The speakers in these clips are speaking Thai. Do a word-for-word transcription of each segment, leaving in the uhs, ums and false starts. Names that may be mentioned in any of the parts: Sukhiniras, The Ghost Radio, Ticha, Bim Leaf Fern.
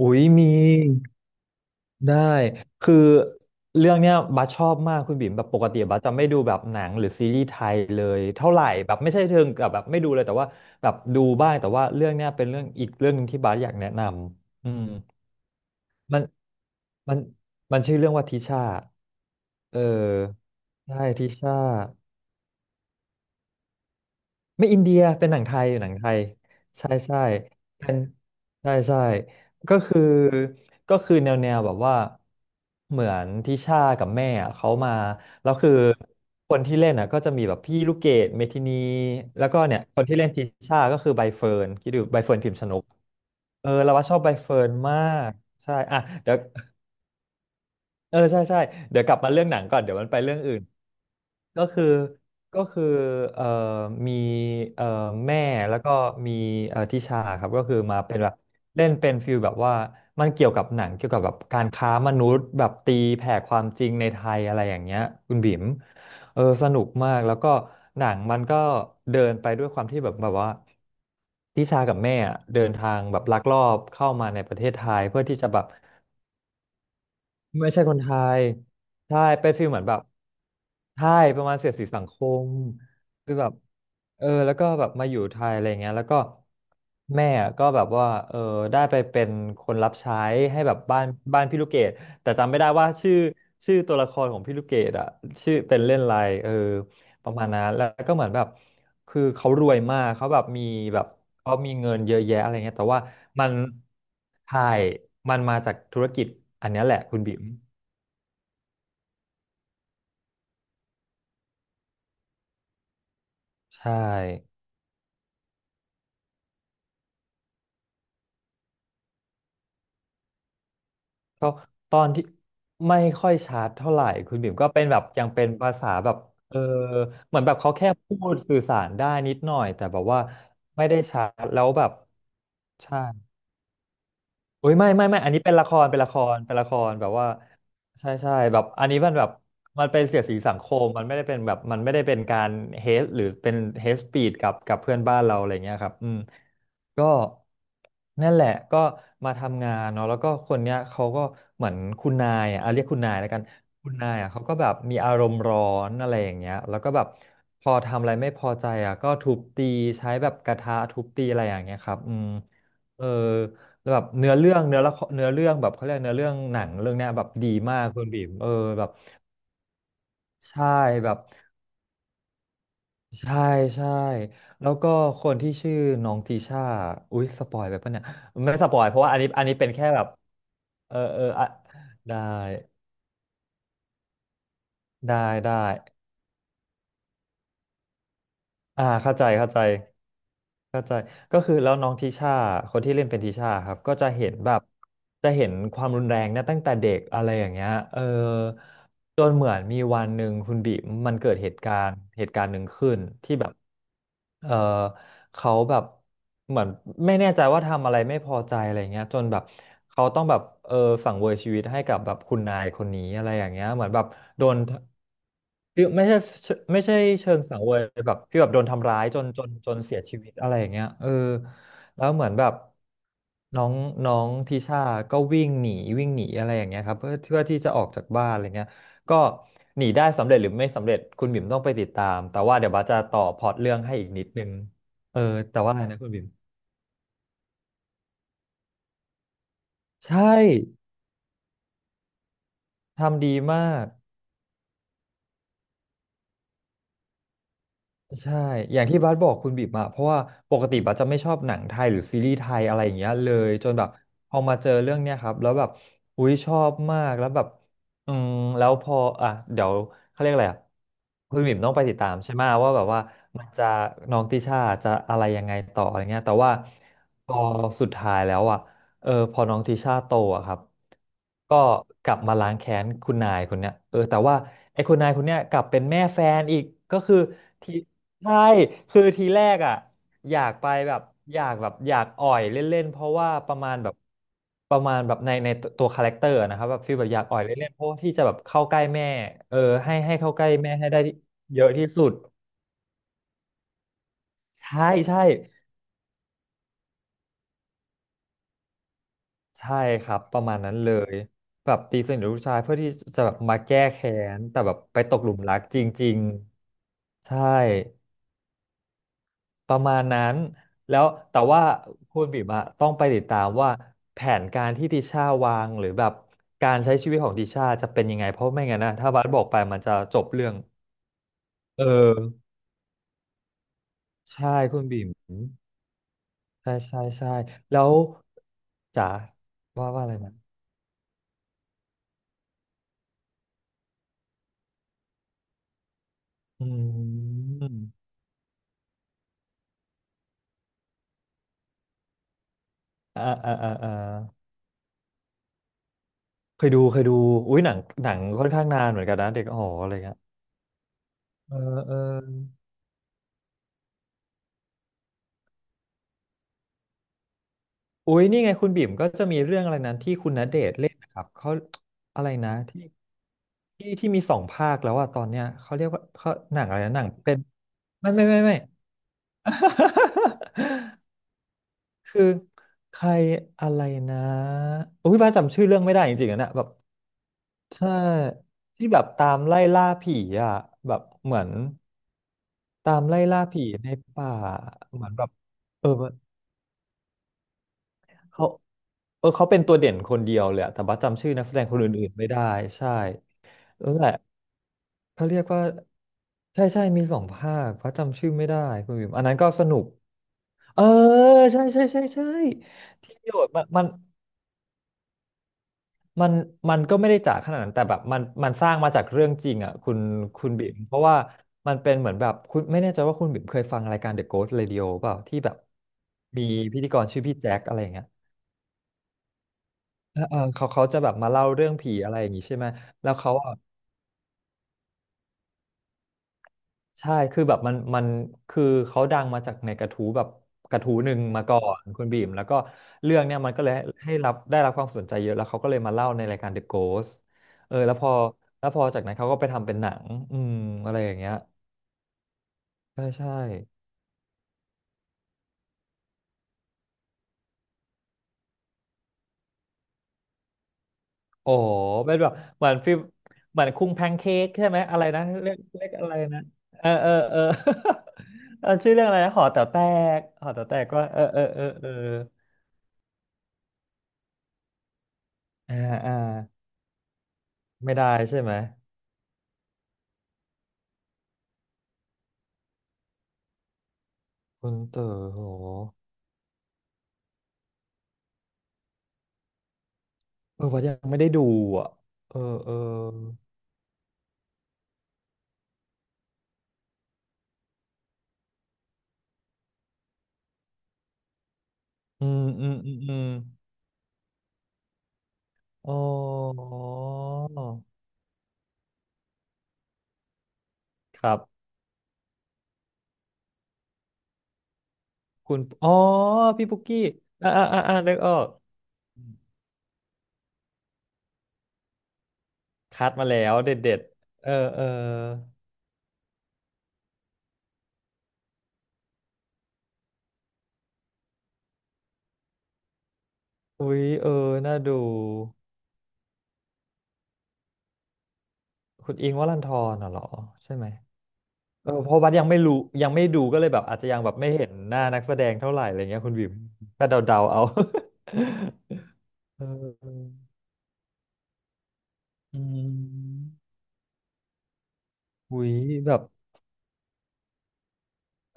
อุ๊ยมีได้คือเรื่องเนี้ยบัสชอบมากคุณบิ่มแบบปกติบัสจะไม่ดูแบบหนังหรือซีรีส์ไทยเลยเท่าไหร่แบบไม่ใช่เทิงกับแบบไม่ดูเลยแต่ว่าแบบดูบ้างแต่ว่าเรื่องเนี้ยเป็นเรื่องอีกเรื่องหนึงที่บัสอยากแนะนำอืมมันมันมันชื่อเรื่องว่าทิชาเออใช่ทิชา ไม่อินเดียเป็นหนังไทยหนังไทยใช่ใช่เป็นใช่ใช่ก็คือก็คือแนวแนวแบบว่าเหมือนทิชากับแม่อะเขามาแล้วคือคนที่เล่นอ่ะก็จะมีแบบพี่ลูกเกดเมทินีแล้วก็เนี่ยคนที่เล่นทิชาก็คือใบเฟิร์นคิดดูใบเฟิร์นพิมพ์ชนกเออเราว่าชอบใบเฟิร์นมากใช่อ่ะเดี๋ยวเออใช่ใช่เดี๋ยวกลับมาเรื่องหนังก่อนเดี๋ยวมันไปเรื่องอื่น ก็คือก็คือเอ่อมีเอ่อแม่แล้วก็มีเอ่อทิชาครับก็คือมาเป็นแบบเล่นเป็นฟิลแบบว่ามันเกี่ยวกับหนังเกี่ยวกับแบบการค้ามนุษย์แบบตีแผ่ความจริงในไทยอะไรอย่างเงี้ยคุณบิ๋มเออสนุกมากแล้วก็หนังมันก็เดินไปด้วยความที่แบบแบบว่าทิชากับแม่อะเดินทางแบบลักลอบเข้ามาในประเทศไทยเพื่อที่จะแบบ ไม่ใช่คนไทยใช่เป็นฟีลเหมือนแบบใช่ประมาณเสียดสีสังคมคือแบบเออแล้วก็แบบมาอยู่ไทยอะไรเงี้ยแล้วก็แม่ก็แบบว่าเออได้ไปเป็นคนรับใช้ให้แบบบ้านบ้านพี่ลูกเกดแต่จำไม่ได้ว่าชื่อชื่อตัวละครของพี่ลูกเกดอะชื่อเป็นเล่นอะไรเออประมาณนั้นแล้วก็เหมือนแบบคือเขารวยมากเขาแบบมีแบบ เขามีเงินเยอะแยะอะไรเงี้ยแต่ว่ามันใช่มันมาจากธุรกิจอันเนี้ยแหละคุณบิ๋มใช่ก็ตอนที่ไม่ค่อยชัดเท่าไหร่คุณบิ่มก็เป็นแบบยังเป็นภาษาแบบเออเหมือนแบบเขาแค่พูดสื่อสารได้นิดหน่อยแต่แบบว่าไม่ได้ชัดแล้วแบบใช่ โอ้ยไม่ไม่ไม่อันนี้เป็นละครเป็นละครเป็นละครแบบว่าใช่ใช่แบบอันนี้มันแบบมันเป็นเสียดสีสังคมมันไม่ได้เป็นแบบมันไม่ได้เป็นการเฮทหรือเป็นเฮทสปีดกับกับเพื่อนบ้านเราอะไรเงี้ยครับอืมก็นั่นแหละก็มาทำงานเนาะแล้วก็คนเนี้ยเขาก็เหมือนคุณนายอะอ่ะเรียกคุณนายแล้วกันคุณนายอ่ะเขาก็แบบมีอารมณ์ร้อนอะไรอย่างเงี้ยแล้วก็แบบพอทำอะไรไม่พอใจอ่ะก็ทุบตีใช้แบบกระทะทุบตีอะไรอย่างเงี้ยครับอืมเออ แล้วแบบเนื้อเรื่องเนื้อละครเนื้อเรื่องแบบเขาเรียกเนื้อเรื่องหนังเรื่องเนี้ยแบบดีมากคุณบีมเออแบบใช่แบบใช่ใช่แล้วก็คนที่ชื่อน้องทีช่าอุ๊ยสปอยไปปะเนี่ยไม่สปอยเพราะว่าอันนี้อันนี้เป็นแค่แบบเออเอออะได้ได้ได้อ่าเข้าใจเข้าใจเข้าใจก็คือแล้วน้องทิชาคนที่เล่นเป็นทิชาครับก็จะเห็นแบบจะเห็นความรุนแรงเนะตั้งแต่เด็กอะไรอย่างเงี้ยเออ จนเหมือนมีวันหนึ่งคุณบิมมันเกิดเหตุการณ์เหตุการณ์หนึ่งขึ้นที่แบบ เออเขาแบบเหมือนไม่แน่ใจว่าทำอะไรไม่พอใจอะไรเงี้ยจนแบบเขาต้องแบบเออสังเวยชีวิตให้กับแบบคุณนายคนนี้อะไรอย่างเงี้ยเหมือนแบบโดนคือไม่ใช่ไม่ใช่เชิงสังเวยแบบพี่แบบโดนทำร้ายจนจนจนเสียชีวิตอะไรอย่างเงี้ยเออแล้วเหมือนแบบน้องน้องทิชาก็วิ่งหนีวิ่งหนีอะไรอย่างเงี้ยครับเพื่อเพื่อที่จะออกจากบ้านอะไรเงี้ย ก็หนีได้สำเร็จหรือไม่สำเร็จคุณบิ่มต้องไปติดตามแต่ว่าเดี๋ยวบาสจะต่อพล็อตเรื่องให้อีกนิดนึงเออแต่ว่าอะไรนะคุณบิ่มใช่ทำดีมาก ใช่ อย่างที่บัสบอกคุณบีบมอะเพราะว่าปกติบัสจะไม่ชอบหนังไทยหรือซีรีส์ไทยอะไรอย่างเงี้ยเลยจนแบบพอมาเจอเรื่องเนี้ยครับแล้วแบบอุ๊ยชอบมากแล้วแบบอืมแล้วพออ่ะเดี๋ยวเขาเรียกอะไรอะคุณบีมต้องไปติดตามใช่ไหมว่าแบบว่ามันจะน้องติช่าจะอะไรยังไงต่ออะไรเงี้ยแต่ว่าพอสุดท้ายแล้วอะ เออพอน้องทิชาโตอะครับก็กลับมาล้างแค้นคุณนายคนเนี้ยเออแต่ว่าไอ้คุณนายคนเนี้ยกลับเป็นแม่แฟนอีกก็คือทีใช่คือทีแรกอะอยากไปแบบอยากแบบอยากอ่อยเล่นๆเพราะว่าประมาณแบบประมาณแบบในในตัวคาแรคเตอร์นะครับแบบฟีลแบบอยากอ่อยเล่นๆเพราะว่าที่จะแบบเข้าใกล้แม่เออให้ให้เข้าใกล้แม่ให้ได้เยอะที่สุดใช่ใช่ ใช่ครับประมาณนั้นเลยแบบตีสนิทกับลูกชายเพื่อที่จะแบบมาแก้แค้นแต่แบบไปตกหลุมรักจริงๆใช่ประมาณนั้นแล้วแต่ว่าคุณบิ๋มอะต้องไปติดตามว่าแผนการที่ติช่าวางหรือแบบการใช้ชีวิตของติช่าจะเป็นยังไงเพราะไม่งั้นนะถ้าบัสบอกไปมันจะจบเรื่องเออใช่คุณบิ๋มใช่ใช่ใช่แล้วจ๋าว่าว่าอะไรนะอืมอ่าอ่าอ่าอ่า เคยดูเคยดูอุ้ยหนังหนังค่อนข้างนานเหมือนกันนะเด็กหออะไรเงี้ยเออเอออุ้ยนี่ไงคุณบิ่มก็จะมีเรื่องอะไรนั้นที่คุณณเดชน์เล่นนะครับเขาอะไรนะที่ที่ที่มีสองภาคแล้วอะตอนเนี้ยเขาเรียกว่าเขาหนังอะไรนะหนังเป็นไม่ไม่ไม่ไม่ คือใครอะไรนะอุ้ยบ้าจำชื่อเรื่องไม่ได้จริงๆอะนะแบบ ใช่ที่แบบตามไล่ล่าผีอ่ะแบบเหมือนตามไล่ล่าผีในป่าเหมือนแบบเออเขาเออเขาเป็นตัวเด่นคนเดียวเลยอะแต่ว่าจำชื่อนักแสดงคนอื่นๆไม่ได้ใช่แล้วแหละเขาเรียกว่าใช่ใช่มีสองภาคเพราะจำชื่อไม่ได้คุณบิมอันนั้นก็สนุกเออใช่ใช่ใช่ใช่ที่หยดมันมัน มันมันก็ไม่ได้จ๋าขนาดนั้นแต่แบบมันมันสร้างมาจากเรื่องจริงอ่ะคุณคุณบิ่มเพราะว่ามันเป็นเหมือนแบบคุณไม่แน่ใจว่าคุณบิ่มเคยฟังรายการ The Ghost Radio เปล่าที่แบบมีพิธีกรชื่อพี่แจ็คอะไรอย่างเงี้ยเออเออเขาเขาจะแบบมาเล่าเรื่องผีอะไรอย่างงี้ใช่ไหมแล้วเขาอะ ใช่คือแบบมันมันคือเขาดังมาจากในกระทู้แบบกระทู้หนึ่งมาก่อนคุณบีมแล้วก็เรื่องเนี่ยมันก็เลยให้รับได้รับความสนใจเยอะแล้วเขาก็เลยมาเล่าในรายการ The Ghost เออแล้วพอแล้วพอจากนั้นเขาก็ไปทำเป็นหนังอืมอะไรอย่างเงี้ยใช่ใช่อ๋อเป็นแบบเหมือนฟิลเหมือนคุ้งแพนเค้กใช่ไหมอะไรนะเรียกเรียกอะไรนะเออเออเออ เออชื่อเรื่องอะไรนะหอแต๋วแตกหอแต๋วแตกก็เออเออเออเอออ่าอ่าไม่ได้ใช่ไหม คุณเต๋อเหรอเออว่ายังไม่ได้ดูอ่ะเออเอออืมอืมอืมอืมอ๋อครับคุณอ๋อพี่ปุกกี้อ่าอ่าอ่าอ่านึกออกคัดมาแล้วเด็ดเด็ดเออเอออุ๊ยเออน่าดูคุณอิงค์วรันธรน่ะเหรอใช่ไหมเออเพราะบัสยังไม่รู้ยังไม่ดูก็เลยแบบอาจจะยังแบบไม่เห็นหน้านักแสดงเท่าไหร่อะไรเงี้ยคุณบิ๋มก็เดาๆเอา เอออืม หุยแบบเอ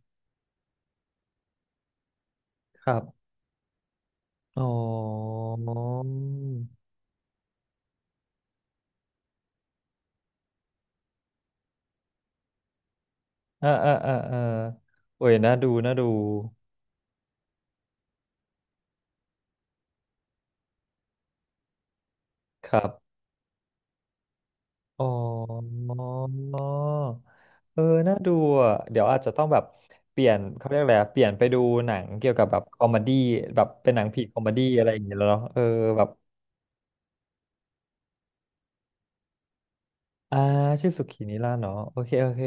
อครับอ๋ออ่าอ่าอ่าอ่าโอ้ยน่าดูน่าดูครับอ๋อเออน่าดูอ่ะเดี๋ยวอาจจะต้องแบบเปลี่ยนเขาเรียกอะไรอะเปลี่ยนไปดูหนังเกี่ยวกับแบบคอมเมดี้แบบเป็นหนังผีคอมเมดี้อะไรอย่างเงี้ยแล้วเนาะเออแบบอ่าชื่อสุขีนิราศเนาะโอเคโอเค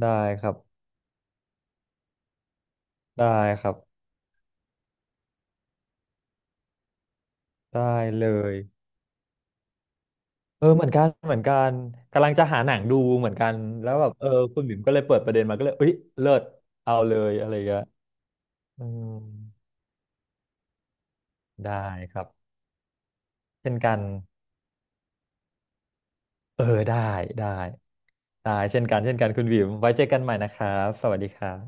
ได้ครับได้ครับได้เลย เออเหมือนกันเหมือนกันกำลังจะหาหนังดูเหมือนกันแล้วแบบเออคุณบิ่มก็เลยเปิดประเด็นมาก็เลยเอ้ยเลิศเอาเลยอะไรเงี้ยอืมได้ครับเช่นกันเออได้ได้ได้เช่นกันเช่นกันคุณบิ่มไว้เจอกันใหม่นะครับสวัสดีครับ